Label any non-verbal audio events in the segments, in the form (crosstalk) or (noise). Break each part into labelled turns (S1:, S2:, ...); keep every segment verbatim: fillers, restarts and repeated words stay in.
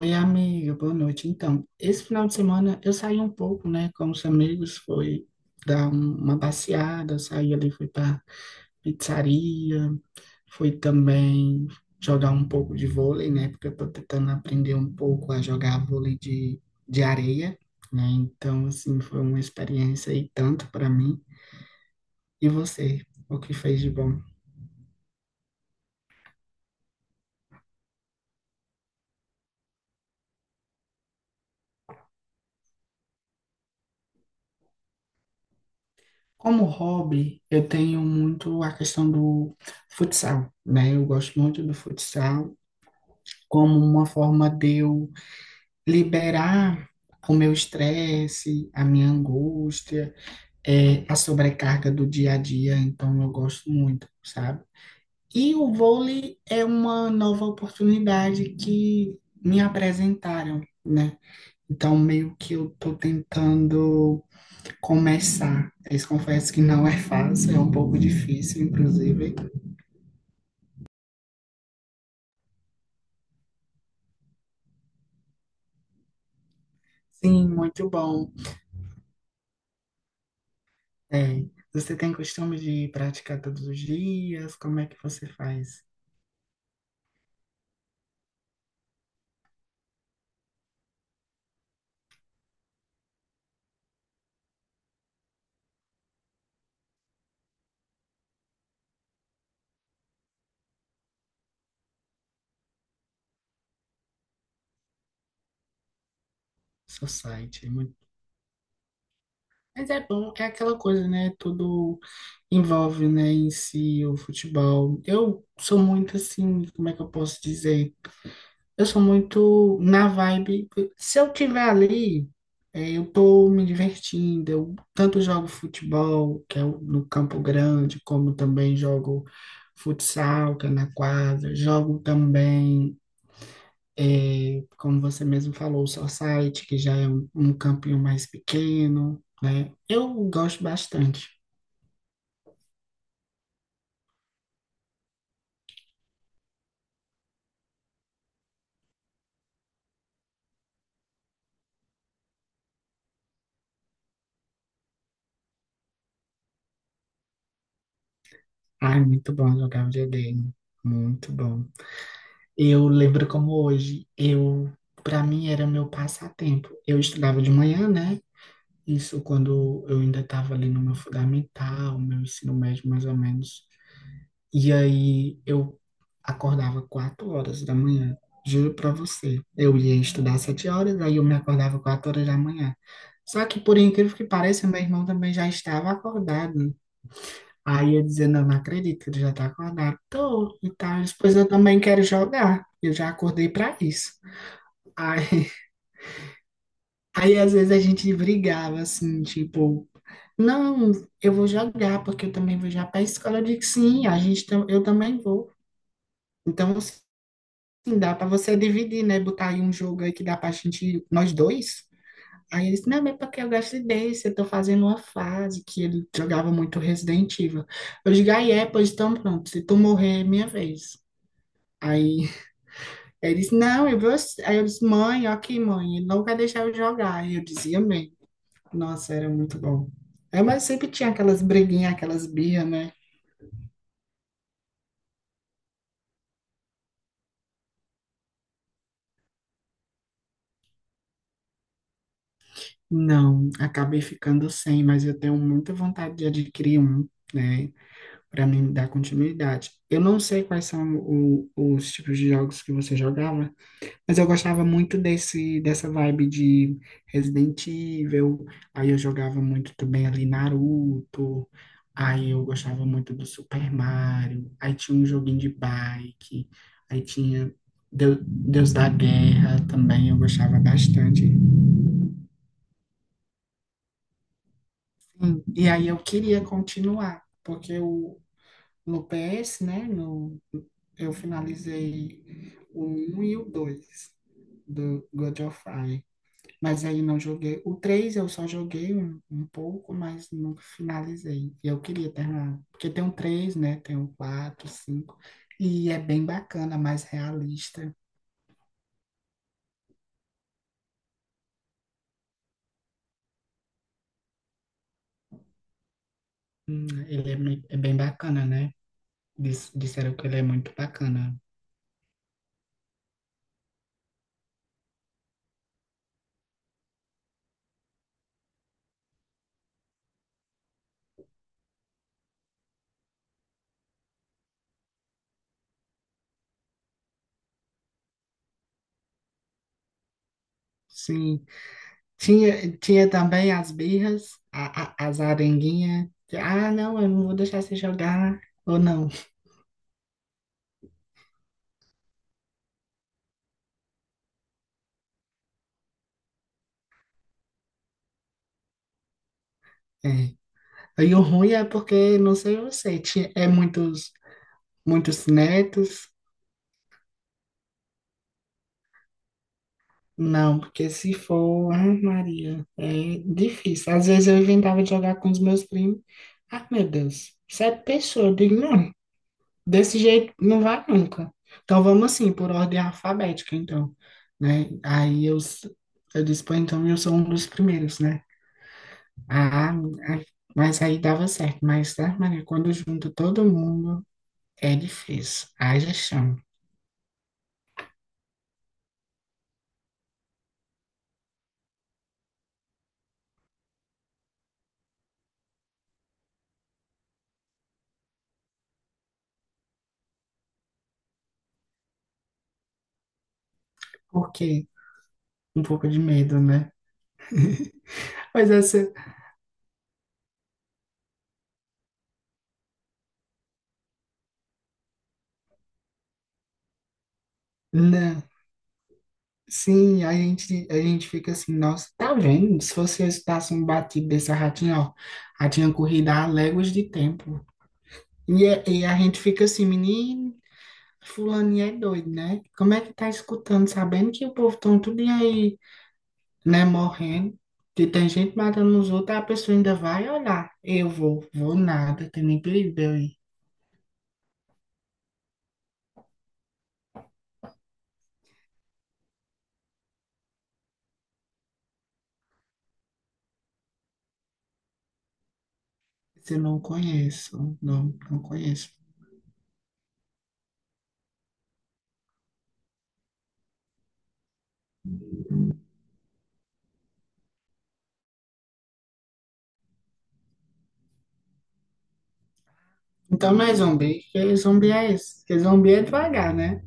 S1: Oi, amiga, boa noite. Então, esse final de semana eu saí um pouco, né, com os amigos, foi dar um- uma passeada, saí ali, fui pra pizzaria, fui também jogar um pouco de vôlei, né, porque eu tô tentando aprender um pouco a jogar vôlei de, de areia, né, então, assim, foi uma experiência e tanto para mim. E você, o que fez de bom? Como hobby, eu tenho muito a questão do futsal, né, eu gosto muito do futsal, como uma forma de eu liberar o meu estresse, a minha angústia, é, a sobrecarga do dia a dia, então eu gosto muito, sabe? E o vôlei é uma nova oportunidade que me apresentaram, né? Então, meio que eu estou tentando começar. Eu confesso que não é fácil, é um pouco difícil, inclusive. Sim, muito bom. Tem. Você tem costume de praticar todos os dias? Como é que você faz seu site? É muito- Mas é bom, é aquela coisa, né? Tudo envolve, né, em si o futebol. Eu sou muito assim, como é que eu posso dizer? Eu sou muito na vibe. Se eu tiver ali, é, eu tô me divertindo. Eu tanto jogo futebol, que é o- no Campo Grande, como também jogo futsal, que é na quadra. Jogo também. É, como você mesmo falou, o Society, que já é um, um campinho mais pequeno, né? Eu gosto bastante. Ai, muito bom jogar videogame. Muito bom. Eu lembro como hoje, eu, para mim era meu passatempo. Eu estudava de manhã, né? Isso quando eu ainda estava ali no meu fundamental, meu ensino médio mais ou menos. E aí eu acordava quatro horas da manhã, juro pra você. Eu ia estudar sete horas, aí eu me acordava quatro horas da manhã. Só que, por incrível que pareça, meu irmão também já estava acordado. Aí eu dizia, não, não acredito que ele já está acordado. Tô, e tal. Depois eu também quero jogar. Eu já acordei pra isso. Aí, (laughs) aí às vezes a gente brigava, assim, tipo, não, eu vou jogar, porque eu também vou já para a escola. Eu digo, sim, a gente, tam- eu também vou. Então, assim, sim, dá pra você dividir, né? Botar aí um jogo aí que dá pra gente, nós dois. Aí ele disse, não, mas é porque eu gosto desse, eu tô fazendo uma fase que ele jogava muito Resident Evil. Eu digo, aí é, pois então pronto, se tu morrer, é minha vez. Aí ele disse, não, eu vou... Aí eu disse, mãe, ó aqui, mãe, ele não vai deixar eu jogar. Aí eu dizia, bem, nossa, era muito bom. É, mas sempre tinha aquelas briguinhas, aquelas birras, né? Não, acabei ficando sem, mas eu tenho muita vontade de adquirir um, né? Para mim dar continuidade. Eu não sei quais são o- os tipos de jogos que você jogava, mas eu gostava muito desse dessa vibe de Resident Evil. Aí eu jogava muito também ali Naruto. Aí eu gostava muito do Super Mario. Aí tinha um joguinho de bike. Aí tinha Deu- Deus da Guerra também, eu gostava bastante. Sim, e aí eu queria continuar, porque o no P S, né? No, eu finalizei o um e o dois do God of War. Mas aí não joguei. O três eu só joguei um, um pouco, mas nunca finalizei. E eu queria terminar. Porque tem o três, né? Tem o quatro, cinco. E é bem bacana, mais realista. Hum, Ele é, mui- é bem bacana, né? Dis- Disseram que ele é muito bacana. Sim, Tinha, tinha também as birras, a, a- as arenguinhas. De, ah, não, eu não vou deixar você jogar, ou não. É. E o ruim é porque, não sei você, tinha, é muitos, muitos netos. Não, porque se for, ah, Maria, é difícil. Às vezes eu inventava de jogar com os meus primos. Ah, meu Deus, sete pessoas. Eu digo, não. Desse jeito não vai nunca. Então vamos assim, por ordem alfabética, então, né? Aí eu, s- eu disse, pô, então eu sou um dos primeiros, né? Ah, ah, mas aí dava certo. Mas, tá, Maria, quando junta todo mundo, é difícil. Haja chão. Por quê? Um pouco de medo, né? Mas essa, não. Sim, a gente, a gente fica assim, nossa, tá vendo? Se você escutasse um batido dessa ratinha, ó, ratinha corrida há léguas de tempo. E, é- e a gente fica assim, menino. Fulaninha é doido, né? Como é que tá escutando, sabendo que o povo tão tudo aí, né, morrendo, que tem gente matando os outros, a pessoa ainda vai olhar. Eu vou, vou nada, tem nem perigo de eu ir. Se eu não conheço, não, não conheço. Então não é zumbi, que zumbi é esse? Que zumbi é devagar, né?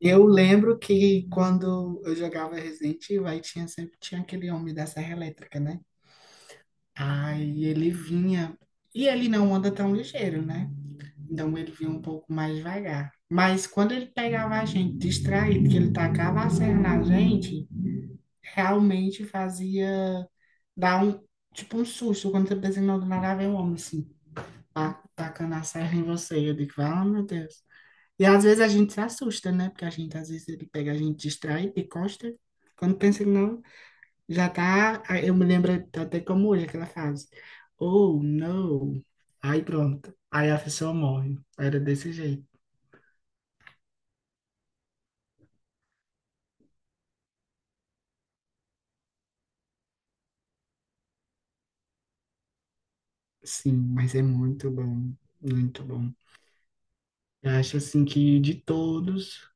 S1: Eu lembro que quando eu jogava Resident Evil, aí tinha, sempre tinha aquele homem da Serra Elétrica, né? Aí ele vinha, e ele não anda tão ligeiro, né? Então ele vinha um pouco mais devagar. Mas quando ele pegava a gente distraído, que ele tacava a serra na gente, realmente fazia dar um, tipo um susto quando você pensa que não do nada vem um homem assim, tá- tacando a serra em você. Eu digo, ah, meu Deus. E às vezes a gente se assusta, né? Porque a gente, às vezes, ele pega a gente distraído e costa. Quando pensa que não, já tá. Eu me lembro até como hoje aquela frase. Oh, não. Aí pronto. Aí a pessoa morre. Era desse jeito. Sim, mas é muito bom, muito bom. Eu acho assim que de todos,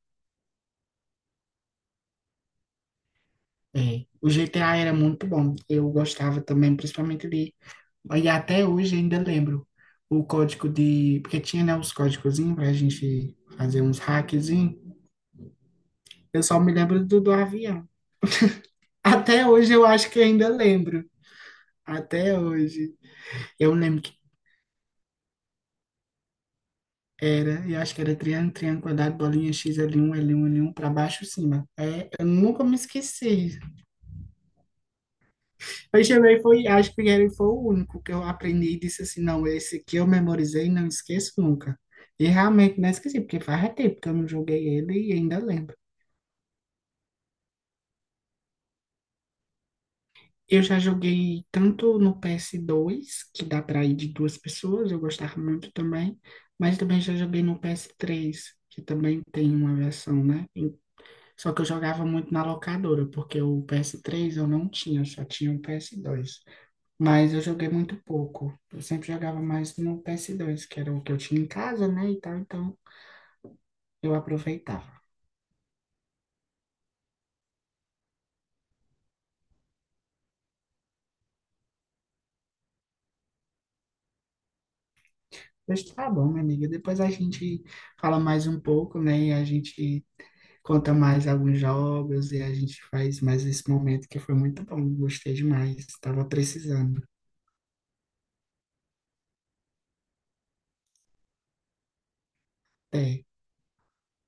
S1: é, o G T A era muito bom. Eu gostava também, principalmente de, e até hoje ainda lembro o código de, porque tinha, né, os códigozinhos pra gente fazer uns hackzinhos. Eu só me lembro do do avião. Até hoje eu acho que ainda lembro. Até hoje. Eu lembro que era, eu acho que era triângulo, triângulo, quadrado, bolinha, X, l um l um l um para baixo, cima. É, eu nunca me esqueci. Christian Grey foi, acho que ele foi o único que eu aprendi e disse assim, não, esse aqui eu memorizei e não esqueço nunca. E realmente não esqueci, porque faz tempo que eu não joguei ele e ainda lembro. Eu já joguei tanto no P S dois, que dá para ir de duas pessoas, eu gostava muito também, mas também já joguei no P S três, que também tem uma versão, né? E- Só que eu jogava muito na locadora, porque o P S três eu não tinha, eu só tinha o P S dois. Mas eu joguei muito pouco. Eu sempre jogava mais no P S dois, que era o que eu tinha em casa, né? E tal, então eu aproveitava. Mas tá bom, minha amiga. Depois a gente fala mais um pouco, né? E a gente conta mais alguns jogos e a gente faz mais esse momento que foi muito bom. Gostei demais. Tava precisando. Até.